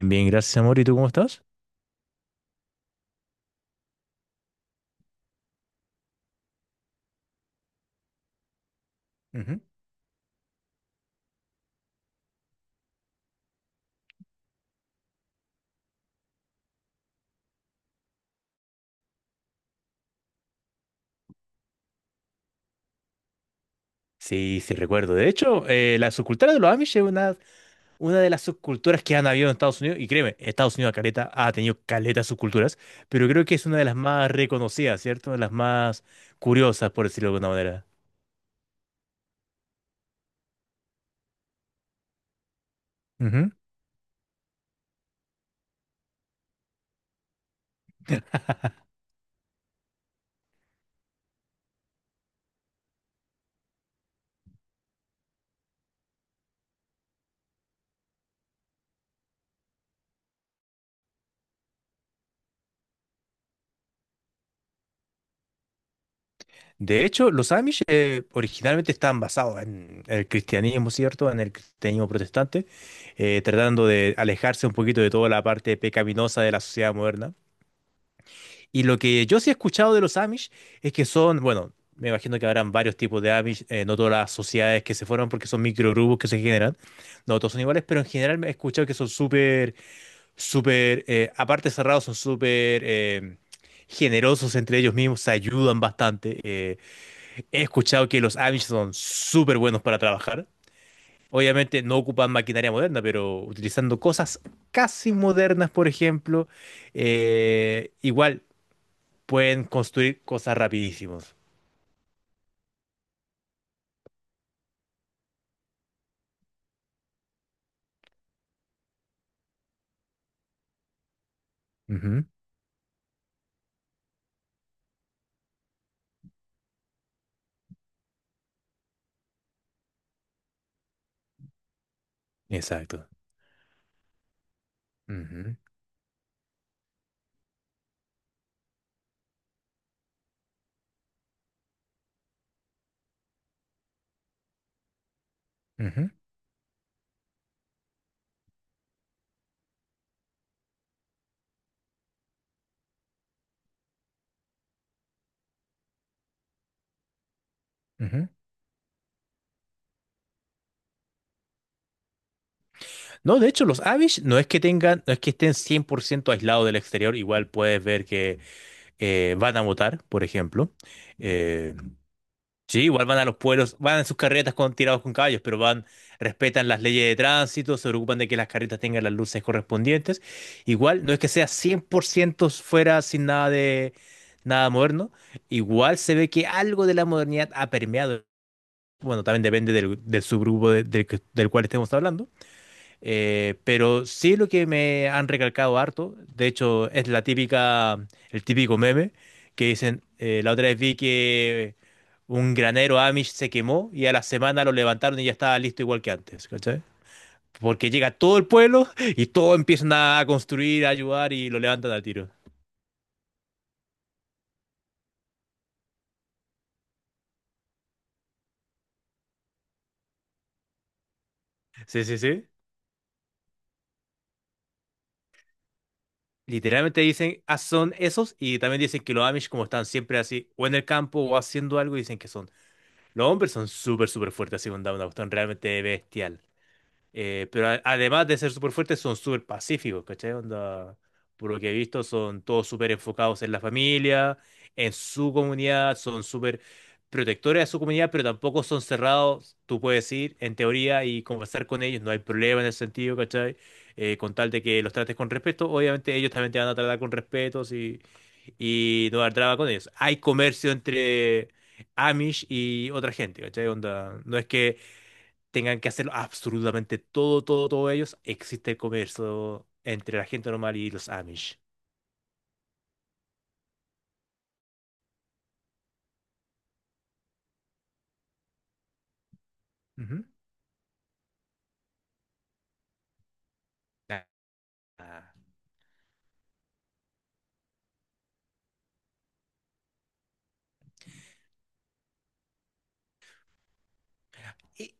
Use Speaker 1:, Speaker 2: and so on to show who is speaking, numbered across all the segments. Speaker 1: Bien, gracias, amor. ¿Y tú cómo estás? Ujú. Sí, sí, recuerdo. De hecho, la subcultura de los Amish es una, de las subculturas que han habido en Estados Unidos. Y créeme, Estados Unidos caleta, ha tenido caleta de subculturas, pero creo que es una de las más reconocidas, ¿cierto? De las más curiosas, por decirlo de alguna manera. Ujú. De hecho, los Amish originalmente estaban basados en el cristianismo, ¿cierto? En el cristianismo protestante, tratando de alejarse un poquito de toda la parte pecaminosa de la sociedad moderna. Y lo que yo sí he escuchado de los Amish es que son, bueno, me imagino que habrán varios tipos de Amish, no todas las sociedades que se forman porque son microgrupos que se generan, no todos son iguales, pero en general me he escuchado que son súper, súper, aparte cerrados, son súper generosos entre ellos mismos, se ayudan bastante. He escuchado que los Amish son súper buenos para trabajar. Obviamente no ocupan maquinaria moderna, pero utilizando cosas casi modernas, por ejemplo, igual pueden construir cosas rapidísimos. Ujú, exacto. Ujú, ujú, ujú. No, de hecho, los Amish no es que tengan, no es que estén 100% aislados del exterior, igual puedes ver que van a votar, por ejemplo. Eh, sí, igual van a los pueblos, van en sus carretas con, tirados con caballos, pero van, respetan las leyes de tránsito, se preocupan de que las carretas tengan las luces correspondientes. Igual, no es que sea 100% fuera sin nada de nada moderno, igual se ve que algo de la modernidad ha permeado. Bueno, también depende del, subgrupo del cual estemos hablando. Pero sí lo que me han recalcado harto, de hecho, es el típico meme que dicen, la otra vez vi que un granero Amish se quemó y a la semana lo levantaron y ya estaba listo igual que antes, ¿cachai? Porque llega todo el pueblo y todos empiezan a construir, a ayudar y lo levantan al tiro. Sí, sí, sí. Literalmente dicen, ah, son esos y también dicen que los Amish, como están siempre así, o en el campo o haciendo algo, dicen que son los hombres son súper, súper fuertes así con Down, una cuestión realmente bestial. Pero además de ser súper fuertes, son súper pacíficos, ¿cachai? Onda, por lo que he visto, son todos súper enfocados en la familia, en su comunidad, son súper protectores de su comunidad, pero tampoco son cerrados. Tú puedes ir, en teoría, y conversar con ellos, no hay problema en ese sentido, ¿cachai? Con tal de que los trates con respeto, obviamente ellos también te van a tratar con respeto, sí, y no dar traba con ellos. Hay comercio entre Amish y otra gente, ¿cachai? Onda, no es que tengan que hacerlo absolutamente todo, todo, todo ellos, existe el comercio entre la gente normal y los Amish. Ujú. Ah, y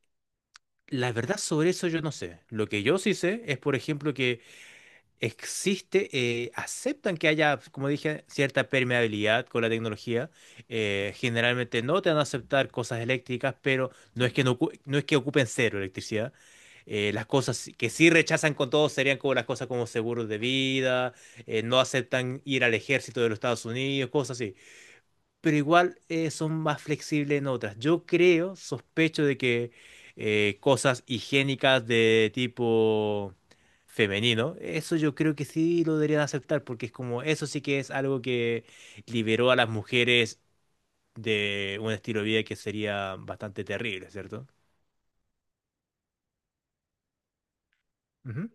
Speaker 1: la verdad sobre eso yo no sé. Lo que yo sí sé es, por ejemplo, que existe, aceptan que haya, como dije, cierta permeabilidad con la tecnología. Generalmente no te van a aceptar cosas eléctricas, pero no es que, no, no es que ocupen cero electricidad. Las cosas si, que sí rechazan con todo serían como las cosas como seguros de vida, no aceptan ir al ejército de los Estados Unidos, cosas así, pero igual son más flexibles en otras. Yo creo, sospecho de que cosas higiénicas de tipo femenino, eso yo creo que sí lo deberían aceptar, porque es como, eso sí que es algo que liberó a las mujeres de un estilo de vida que sería bastante terrible, ¿cierto? Ujú,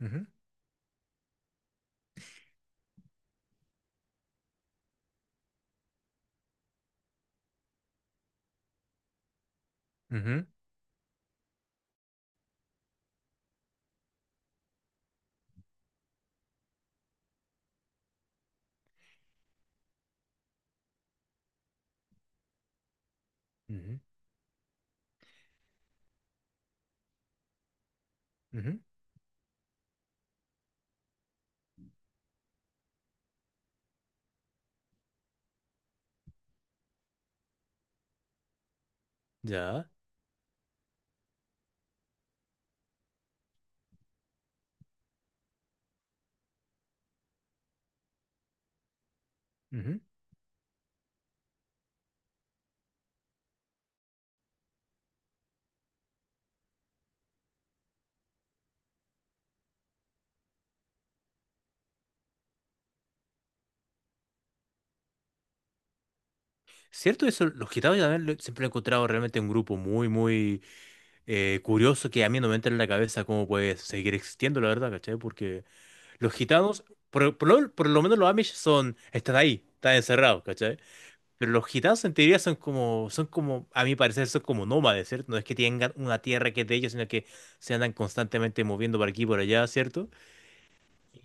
Speaker 1: ujú, ujú, ujú, ujú, ya. Ujú. ¿Cierto? Eso, los gitanos también siempre lo he encontrado realmente un grupo muy, muy curioso que a mí no me entra en la cabeza cómo puede seguir existiendo, la verdad, ¿cachai? Porque los gitanos, por lo menos los Amish son, están ahí, están encerrados, ¿cachai? Pero los gitanos en teoría a mi parecer, son como nómades, ¿cierto? No es que tengan una tierra que es de ellos, sino que se andan constantemente moviendo por aquí y por allá, ¿cierto?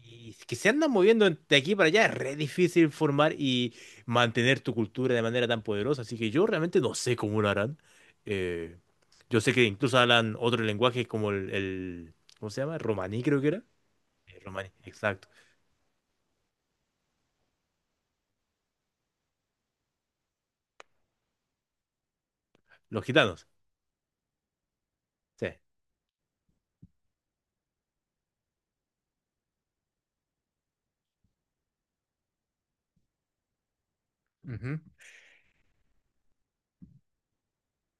Speaker 1: Y que se andan moviendo de aquí para allá, es re difícil formar y mantener tu cultura de manera tan poderosa. Así que yo realmente no sé cómo lo harán. Eh, yo sé que incluso hablan otro lenguaje como ¿cómo se llama? Romaní, creo que era. Romaní, exacto. Los gitanos. Sí. Ujú.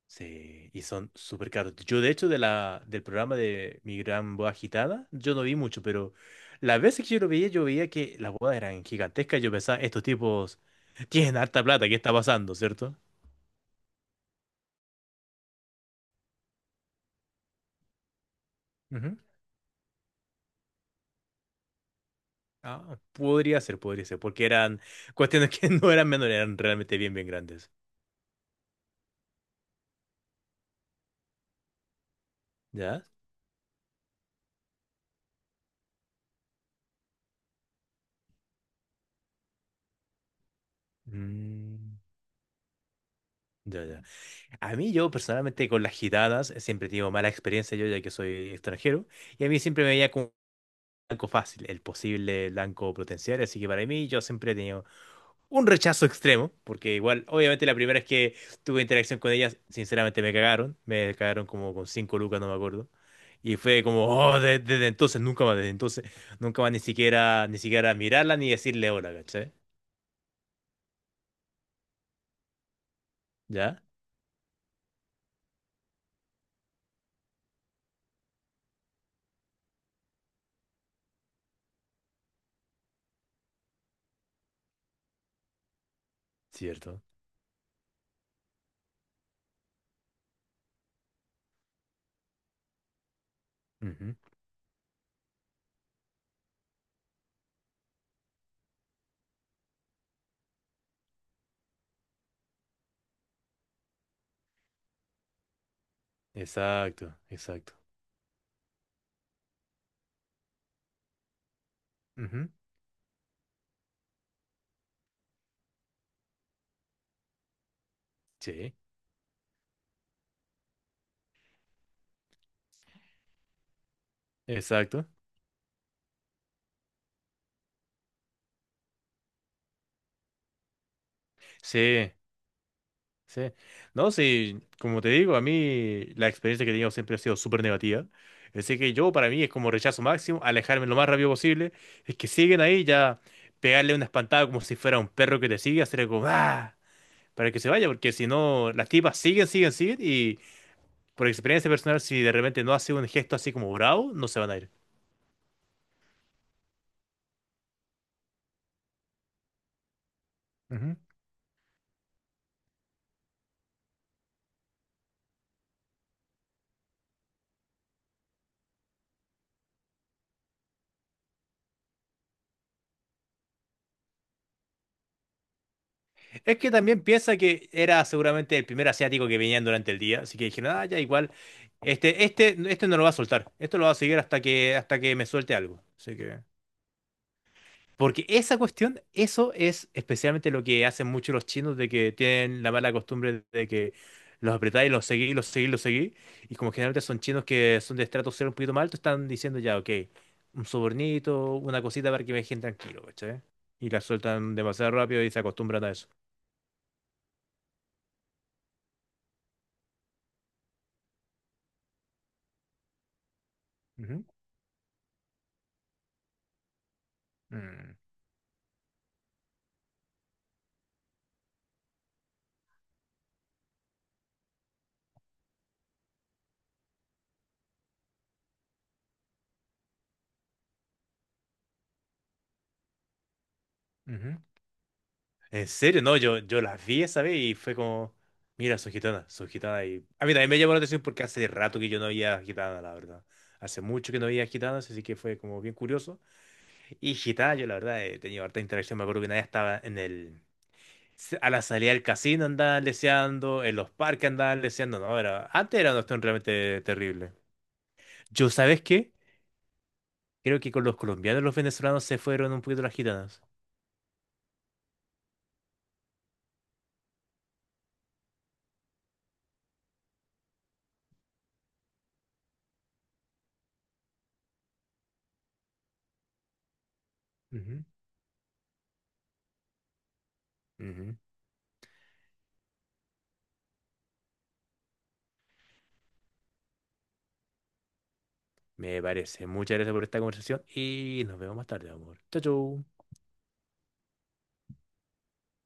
Speaker 1: Sí, y son súper caros. Yo, de hecho, del programa de Mi Gran Boda Agitada, yo no vi mucho, pero las veces que yo lo veía, yo veía que las bodas eran gigantescas. Yo pensaba, estos tipos tienen harta plata, ¿qué está pasando, cierto? Ujú. Ah, podría ser, porque eran cuestiones que no eran menores, eran realmente bien, bien grandes. ¿Ya? Mm, ya, ya. A mí, yo personalmente con las gitanas siempre tengo mala experiencia, yo ya que soy extranjero, y a mí siempre me veía como blanco fácil, el posible blanco potencial. Así que para mí yo siempre he tenido un rechazo extremo, porque igual, obviamente la primera vez que tuve interacción con ellas, sinceramente me cagaron como con cinco lucas, no me acuerdo. Y fue como, oh, desde entonces, nunca más, desde entonces, nunca más, ni siquiera, ni siquiera mirarla ni decirle hola, ¿cachai? ¿Ya? Cierto. Ujú. Exacto, exacto. Ujú. Sí, exacto. Sí. Sí. No, sí, como te digo, a mí la experiencia que he tenido siempre ha sido súper negativa. Así que yo, para mí, es como rechazo máximo, alejarme lo más rápido posible. Es que siguen ahí, ya pegarle una espantada como si fuera un perro que te sigue, hacerle como ¡ah! Para que se vaya, porque si no, las tipas siguen, siguen, siguen. Y por experiencia personal, si de repente no hace un gesto así como bravo, no se van a ir. Es que también piensa que era seguramente el primer asiático que venían durante el día, así que dijeron, ah, ya igual, este no lo va a soltar, esto lo va a seguir hasta que me suelte algo. Así que. Porque esa cuestión, eso es especialmente lo que hacen muchos los chinos, de que tienen la mala costumbre de que los apretáis, los seguís, los seguís, los seguís, y como generalmente son chinos que son de estrato cero un poquito más alto, están diciendo ya, ok, un sobornito, una cosita para que me dejen tranquilo, ¿cachai? Y la sueltan demasiado rápido y se acostumbran a eso. Ujú. Mm. Ujú. En serio, no, yo las vi esa vez y fue como, mira, son gitanas, son gitanas. Y a mí también me llamó la atención porque hace rato que yo no había gitanas, la verdad. Hace mucho que no había gitanas, así que fue como bien curioso. Y gitanas, yo la verdad he tenido harta interacción. Me acuerdo que una vez estaba en el, a la salida del casino andaban leseando, en los parques andaban leseando. No, era, antes era una cuestión realmente terrible. Yo, ¿sabes qué? Creo que con los colombianos y los venezolanos se fueron un poquito las gitanas. Ujú. Ujú. Me parece. Muchas gracias por esta conversación y nos vemos más tarde, amor. Chau, chau.